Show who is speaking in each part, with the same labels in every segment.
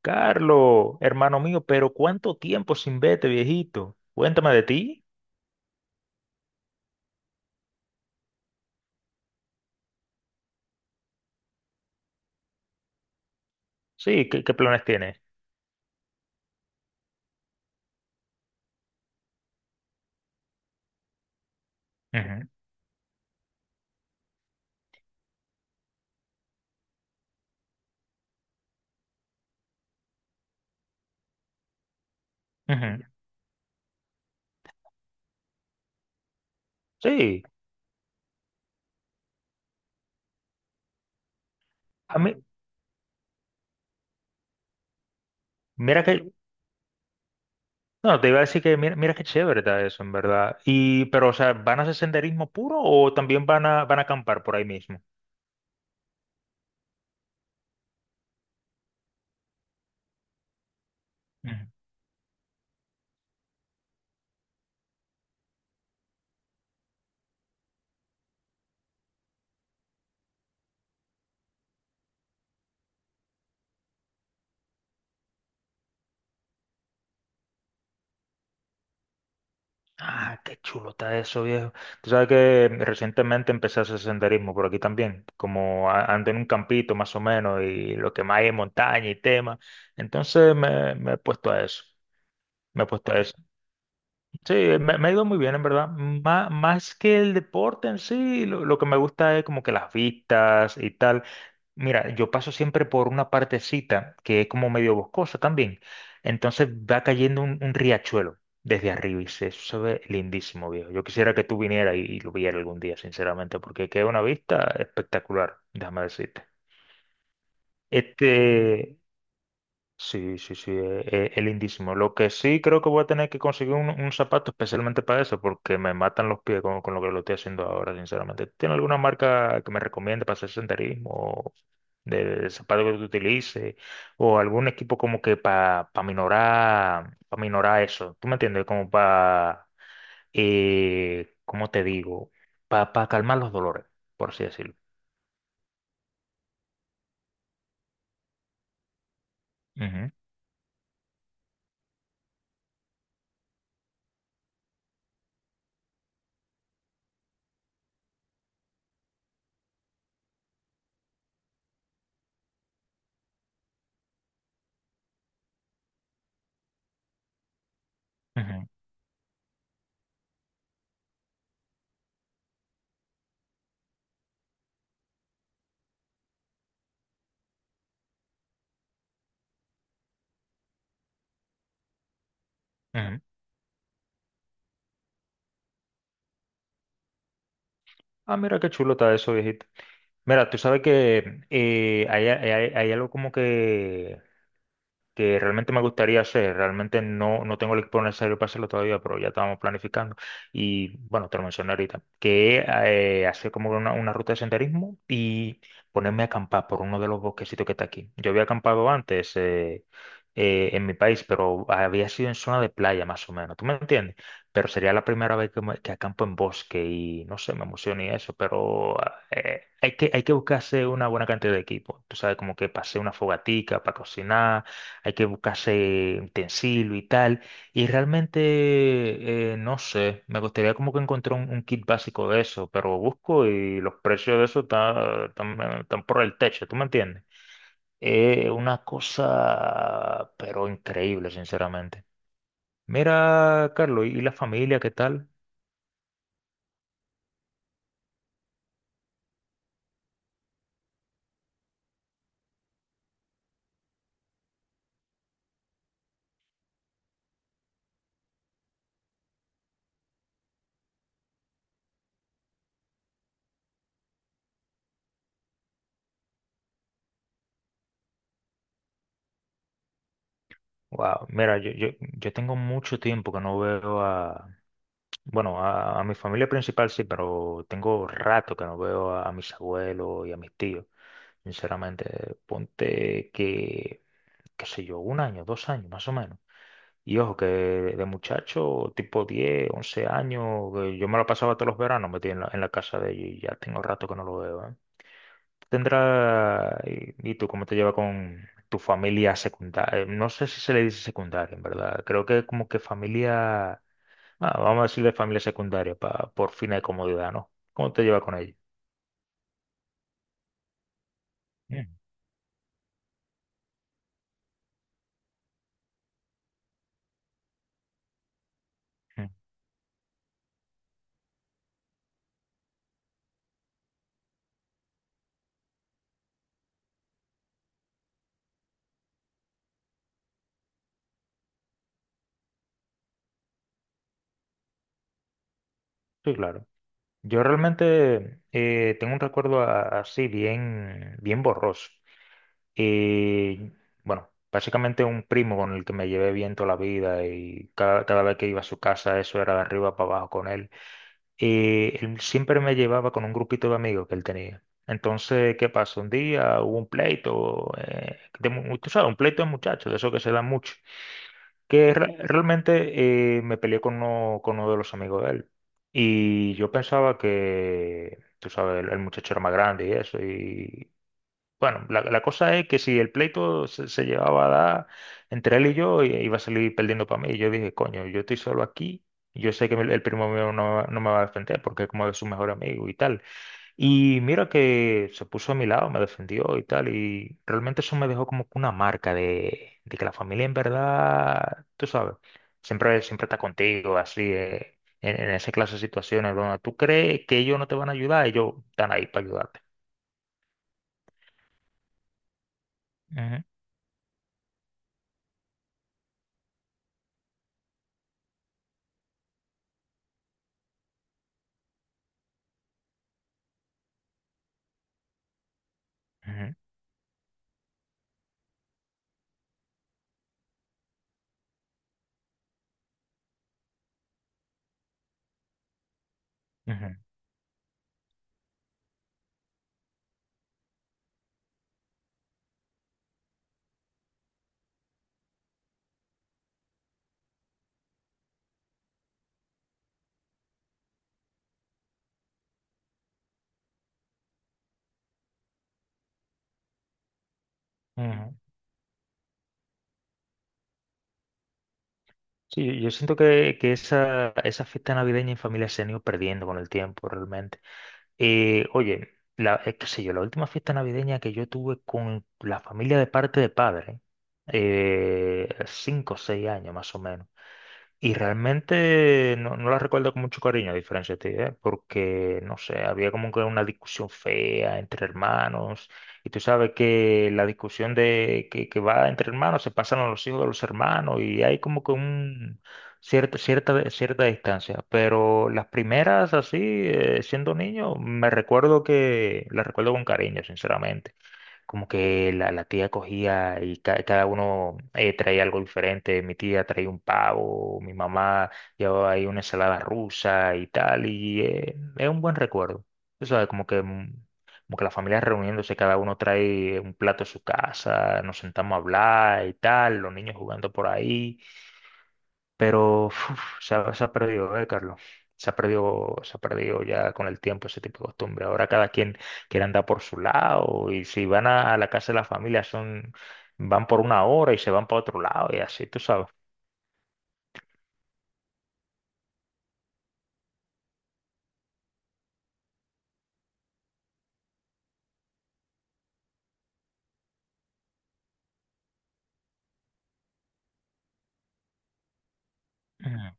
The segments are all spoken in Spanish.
Speaker 1: Carlos, hermano mío, pero ¿cuánto tiempo sin verte, viejito? Cuéntame de ti. Sí, ¿qué planes tienes? Ujú, ujú. Sí, a mí, mira que, no, te iba a decir que mira, mira qué chévere está eso, en verdad. Y, pero, o sea, ¿van a hacer senderismo puro o también van a, van a acampar por ahí mismo? Ujú. Ah, qué chulo está eso, viejo. Tú sabes que recientemente empecé a hacer senderismo por aquí también, ando en un campito más o menos y lo que más hay es montaña y tema. Entonces me he puesto a eso. Me he puesto a eso. Sí, me ha ido muy bien, en verdad. Más que el deporte en sí, lo que me gusta es como que las vistas y tal. Mira, yo paso siempre por una partecita que es como medio boscosa también. Entonces va cayendo un riachuelo desde arriba y se, eso se ve lindísimo, viejo. Yo quisiera que tú vinieras y lo vieras algún día, sinceramente, porque queda una vista espectacular, déjame decirte. Este, sí, sí, sí, es lindísimo. Lo que sí creo que voy a tener que conseguir un zapato especialmente para eso, porque me matan los pies con lo que lo estoy haciendo ahora, sinceramente. ¿Tiene alguna marca que me recomiende para hacer senderismo, o de zapato que tú utilices, o algún equipo como que para minorar eso? ¿Tú me entiendes? Como para, ¿cómo te digo? Para calmar los dolores, por así decirlo. Ujú, ujú, ujú. Ah, mira qué chulo está eso, viejito. Mira, tú sabes que hay algo como que realmente me gustaría hacer, realmente no tengo el equipo necesario para hacerlo todavía, pero ya estábamos planificando. Y bueno, te lo mencioné ahorita, que hacer como una ruta de senderismo y ponerme a acampar por uno de los bosquecitos que está aquí. Yo había acampado antes en mi país, pero había sido en zona de playa más o menos, ¿tú me entiendes? Pero sería la primera vez que acampo en bosque y no sé, me emociona y eso, pero hay que buscarse una buena cantidad de equipo, tú sabes, como que pasé una fogatica para cocinar, hay que buscarse utensilio y tal. Y realmente, no sé, me gustaría como que encontrar un kit básico de eso, pero busco y los precios de eso están por el techo, ¿tú me entiendes? Es una cosa, pero increíble, sinceramente. Mira, Carlos, ¿y la familia qué tal? Wow, mira, yo tengo mucho tiempo que no veo a, bueno, a mi familia principal sí, pero tengo rato que no veo a mis abuelos y a mis tíos. Sinceramente, ponte que, qué sé yo, 1 año, 2 años, más o menos. Y ojo, que de muchacho, tipo 10 u 11 años, que yo me lo pasaba todos los veranos metido en la casa de ella y ya tengo rato que no lo veo, ¿eh? Tendrá, ¿y tú cómo te llevas con tu familia secundaria? No sé si se le dice secundaria, en verdad. Creo que como que familia, ah, vamos a decirle familia secundaria por fines de comodidad, ¿no? ¿Cómo te llevas con ella? Mm, mm. Sí, claro. Yo realmente tengo un recuerdo así bien, bien borroso. Y bueno, básicamente un primo con el que me llevé bien toda la vida y cada vez que iba a su casa eso era de arriba para abajo con él. Y él siempre me llevaba con un grupito de amigos que él tenía. Entonces, ¿qué pasó? Un día hubo un pleito, tú sabes, un pleito de muchachos, de eso que se da mucho que realmente me peleé con uno de los amigos de él. Y yo pensaba que, tú sabes, el muchacho era más grande y eso. Y bueno, la cosa es que si el pleito se llevaba a dar entre él y yo, iba a salir perdiendo para mí. Y yo dije, coño, yo estoy solo aquí. Yo sé que el primo mío no me va a defender porque es como de su mejor amigo y tal. Y mira que se puso a mi lado, me defendió y tal, y realmente eso me dejó como que una marca de que la familia en verdad, tú sabes, siempre, siempre está contigo, así, en esa clase de situaciones donde tú crees que ellos no te van a ayudar, ellos están ahí para ayudarte. Ujú, ujú, ujú, ujú. Sí, yo siento que esa fiesta navideña en familia se han ido perdiendo con el tiempo, realmente. Oye, la, qué sé yo, la última fiesta navideña que yo tuve con la familia de parte de padre, 5 o 6 años más o menos. Y realmente no la recuerdo con mucho cariño, a diferencia de ti, ¿eh? Porque, no sé, había como que una discusión fea entre hermanos. Y tú sabes que la discusión de que va entre hermanos se pasan a los hijos de los hermanos y hay como que un cierta, cierta, cierta distancia. Pero las primeras, así, siendo niño, me recuerdo que las recuerdo con cariño, sinceramente como que la tía cogía y cada uno traía algo diferente. Mi tía traía un pavo, mi mamá llevaba ahí una ensalada rusa y tal, y es un buen recuerdo. O sea, como que, mm, como que la familia reuniéndose, cada uno trae un plato a su casa, nos sentamos a hablar y tal, los niños jugando por ahí. Pero uf, se ha perdido, ¿eh, Carlos? Se ha perdido ya con el tiempo ese tipo de costumbre. Ahora cada quien quiere andar por su lado y si van a la casa de la familia son, van por 1 hora y se van para otro lado y así, tú sabes. Ujú,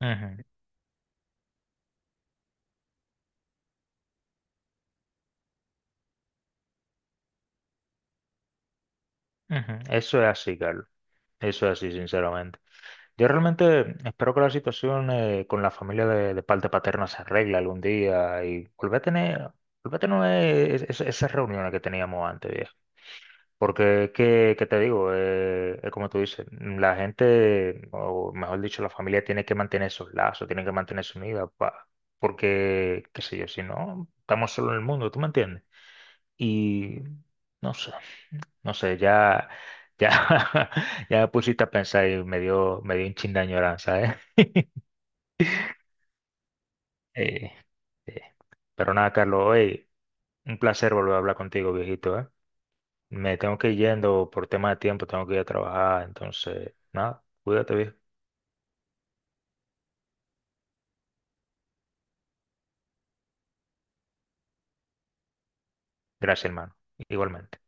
Speaker 1: ujú, ujú. Eso es así, Carlos. Eso es así, sinceramente. Yo realmente espero que la situación con la familia de parte paterna se arregle algún día y volver a tener esas reuniones que teníamos antes, porque, ¿qué, qué te digo? Es como tú dices, mm, la gente, o mejor dicho, la familia tiene que mantener esos lazos, tiene que mantenerse unida, porque, qué sé yo, si no, estamos solo en el mundo, ¿tú me entiendes? Y no sé, no sé, ya, ya, ya me pusiste a pensar y me dio un chin de añoranza, ¿eh? Eh, eh. Pero nada, Carlos, hoy un placer volver a hablar contigo, viejito, ¿eh? Me tengo que ir yendo por tema de tiempo, tengo que ir a trabajar, entonces, nada, cuídate, viejo. Gracias, hermano. Igualmente.